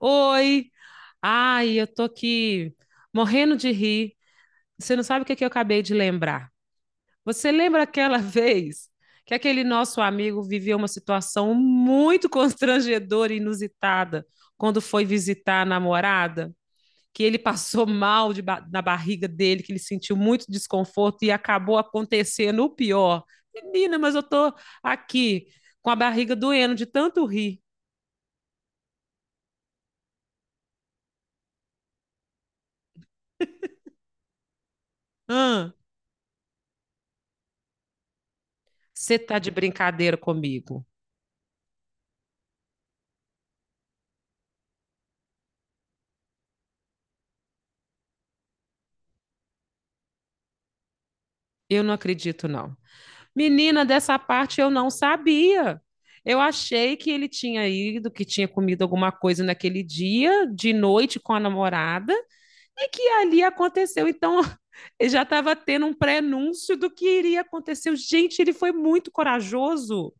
Oi! Ai, eu tô aqui morrendo de rir. Você não sabe o que é que eu acabei de lembrar. Você lembra aquela vez que aquele nosso amigo viveu uma situação muito constrangedora e inusitada quando foi visitar a namorada? Que ele passou mal na barriga dele, que ele sentiu muito desconforto e acabou acontecendo o pior. Menina, mas eu tô aqui com a barriga doendo de tanto rir. Você tá de brincadeira comigo? Eu não acredito, não. Menina, dessa parte eu não sabia. Eu achei que ele tinha ido, que tinha comido alguma coisa naquele dia, de noite com a namorada, e que ali aconteceu. Então, ele já estava tendo um prenúncio do que iria acontecer. Gente, ele foi muito corajoso.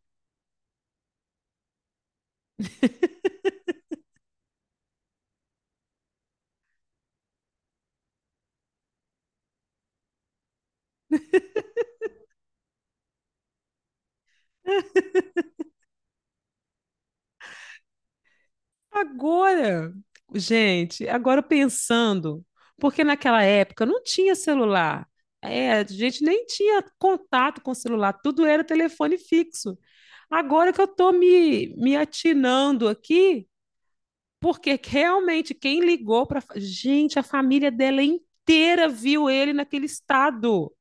Agora, gente, agora pensando, porque naquela época não tinha celular. É, a gente nem tinha contato com celular, tudo era telefone fixo. Agora que eu estou me atinando aqui, porque que realmente quem ligou para. Gente, a família dela inteira viu ele naquele estado.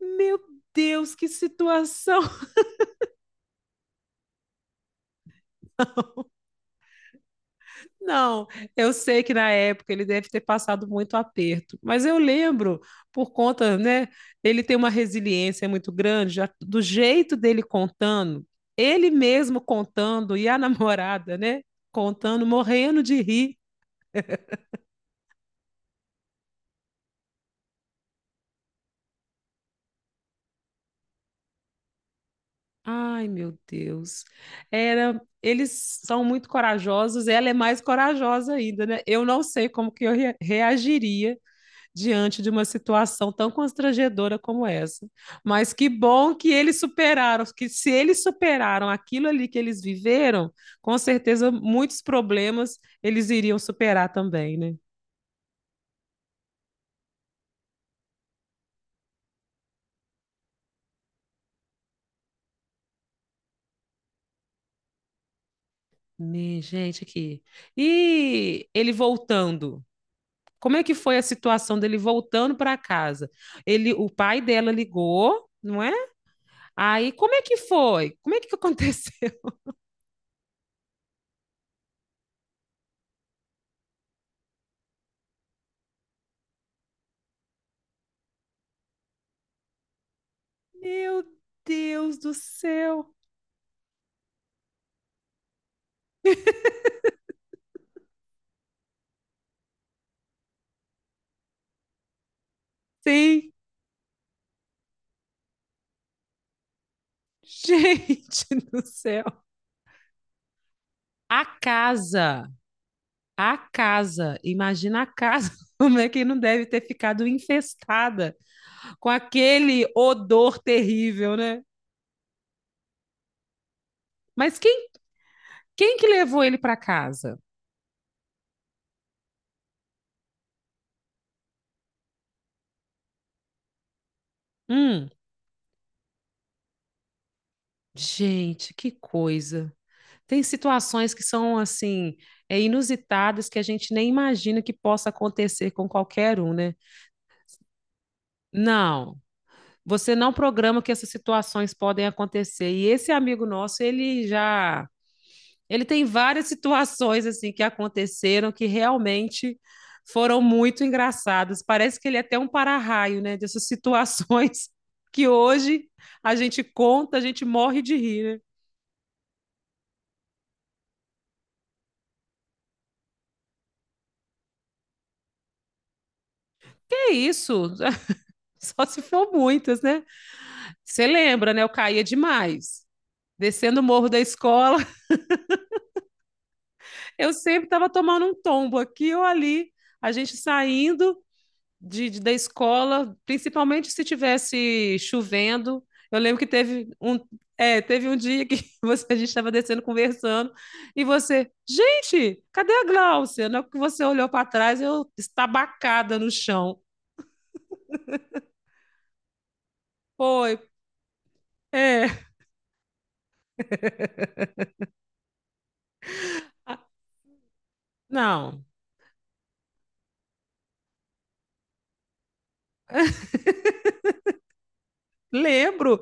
Meu Deus, que situação! Não, eu sei que na época ele deve ter passado muito aperto, mas eu lembro, por conta, né, ele tem uma resiliência muito grande, já do jeito dele contando, ele mesmo contando e a namorada, né, contando, morrendo de rir. Ai, meu Deus. Era, eles são muito corajosos, ela é mais corajosa ainda, né? Eu não sei como que eu reagiria diante de uma situação tão constrangedora como essa. Mas que bom que eles superaram, que se eles superaram aquilo ali que eles viveram, com certeza muitos problemas eles iriam superar também, né? Gente, aqui. E ele voltando. Como é que foi a situação dele voltando para casa? Ele, o pai dela ligou, não é? Aí, como é que foi? Como é que aconteceu? Meu Deus do céu! Sim, gente do céu. A casa, a casa, imagina a casa, como é que não deve ter ficado infestada com aquele odor terrível, né? Mas quem que levou ele para casa? Hum, gente, que coisa. Tem situações que são assim, é, inusitadas que a gente nem imagina que possa acontecer com qualquer um, né? Não, você não programa que essas situações podem acontecer. E esse amigo nosso, ele já ele tem várias situações assim que aconteceram que realmente foram muito engraçadas. Parece que ele é até um para-raio, né, dessas situações que hoje a gente conta, a gente morre de rir, né? É isso, só se for muitas, né? Você lembra, né? Eu caía demais. Descendo o morro da escola, eu sempre estava tomando um tombo aqui ou ali, a gente saindo da escola, principalmente se tivesse chovendo. Eu lembro que teve um, é, teve um dia que a gente estava descendo conversando e você, gente, cadê a Gláucia? Na hora que você olhou para trás, eu estabacada no chão. Foi, é. Ah, não, lembro,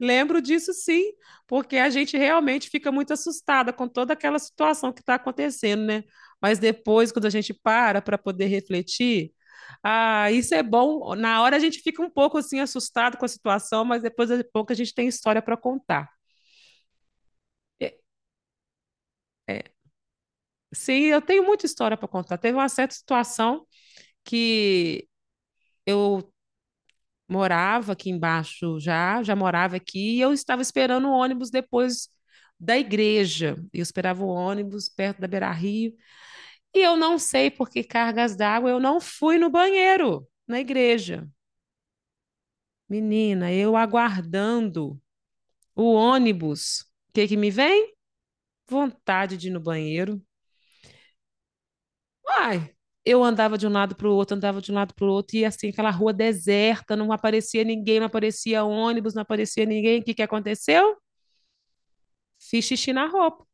lembro disso sim, porque a gente realmente fica muito assustada com toda aquela situação que está acontecendo, né? Mas depois, quando a gente para para poder refletir, ah, isso é bom. Na hora a gente fica um pouco assim assustado com a situação, mas depois de pouco a gente tem história para contar. E, sim, eu tenho muita história para contar. Teve uma certa situação que eu morava aqui embaixo já, já morava aqui, e eu estava esperando o ônibus depois da igreja. Eu esperava o ônibus perto da Beira-Rio, e eu não sei por que cargas d'água eu não fui no banheiro na igreja. Menina, eu aguardando o ônibus. O que que me vem? Vontade de ir no banheiro. Ai, eu andava de um lado para o outro, andava de um lado para o outro, e assim, aquela rua deserta, não aparecia ninguém, não aparecia ônibus, não aparecia ninguém. O que que aconteceu? Fiz xixi na roupa.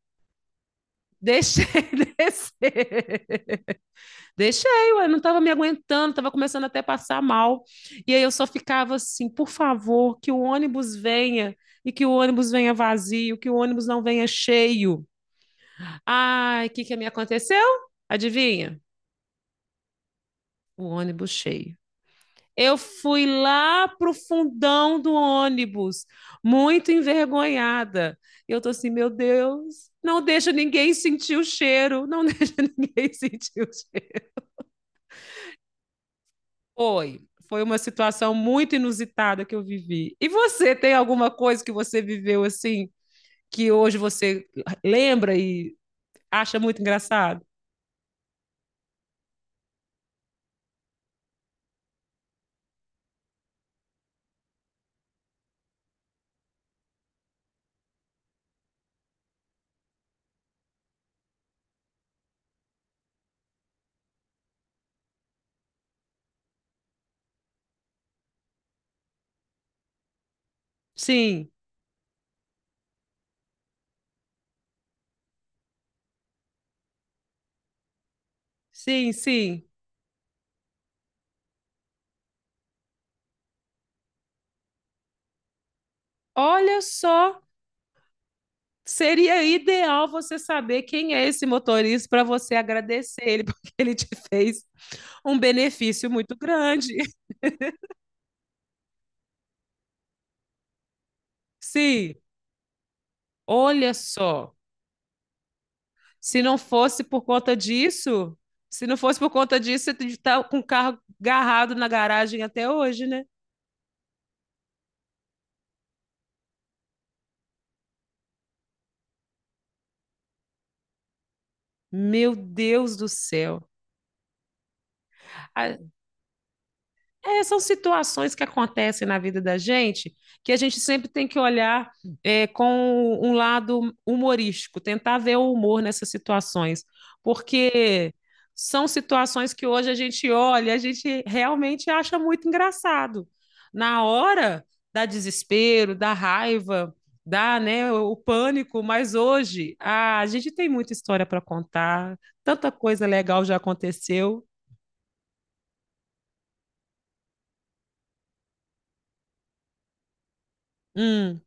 Deixei descer. Deixei, eu não estava me aguentando, estava começando até a passar mal. E aí eu só ficava assim, por favor, que o ônibus venha e que o ônibus venha vazio, que o ônibus não venha cheio. Ai, o que que me aconteceu? Adivinha? O ônibus cheio. Eu fui lá pro fundão do ônibus, muito envergonhada. E eu tô assim, meu Deus, não deixa ninguém sentir o cheiro, não deixa ninguém sentir o cheiro. Foi, foi uma situação muito inusitada que eu vivi. E você tem alguma coisa que você viveu assim, que hoje você lembra e acha muito engraçado? Sim, sim, sim. Olha só, seria ideal você saber quem é esse motorista para você agradecer ele, porque ele te fez um benefício muito grande. Sim, olha só. Se não fosse por conta disso, se não fosse por conta disso, você está com o carro garrado na garagem até hoje, né? Meu Deus do céu. A- É, são situações que acontecem na vida da gente que a gente sempre tem que olhar é, com um lado humorístico, tentar ver o humor nessas situações, porque são situações que hoje a gente olha, a gente realmente acha muito engraçado. Na hora da desespero, da raiva, dá, né, o pânico, mas hoje ah, a gente tem muita história para contar, tanta coisa legal já aconteceu. Hum,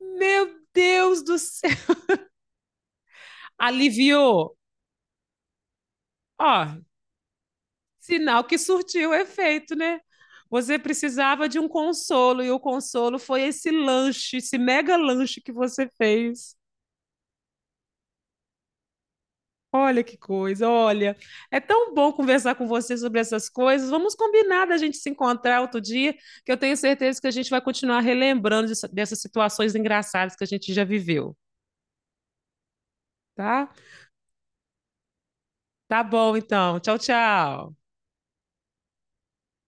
meu Deus do céu! Aliviou. Ó, sinal que surtiu efeito, né? Você precisava de um consolo e o consolo foi esse lanche, esse mega lanche que você fez. Olha que coisa, olha. É tão bom conversar com você sobre essas coisas. Vamos combinar da gente se encontrar outro dia, que eu tenho certeza que a gente vai continuar relembrando dessas situações engraçadas que a gente já viveu, tá? Tá bom, então. Tchau, tchau.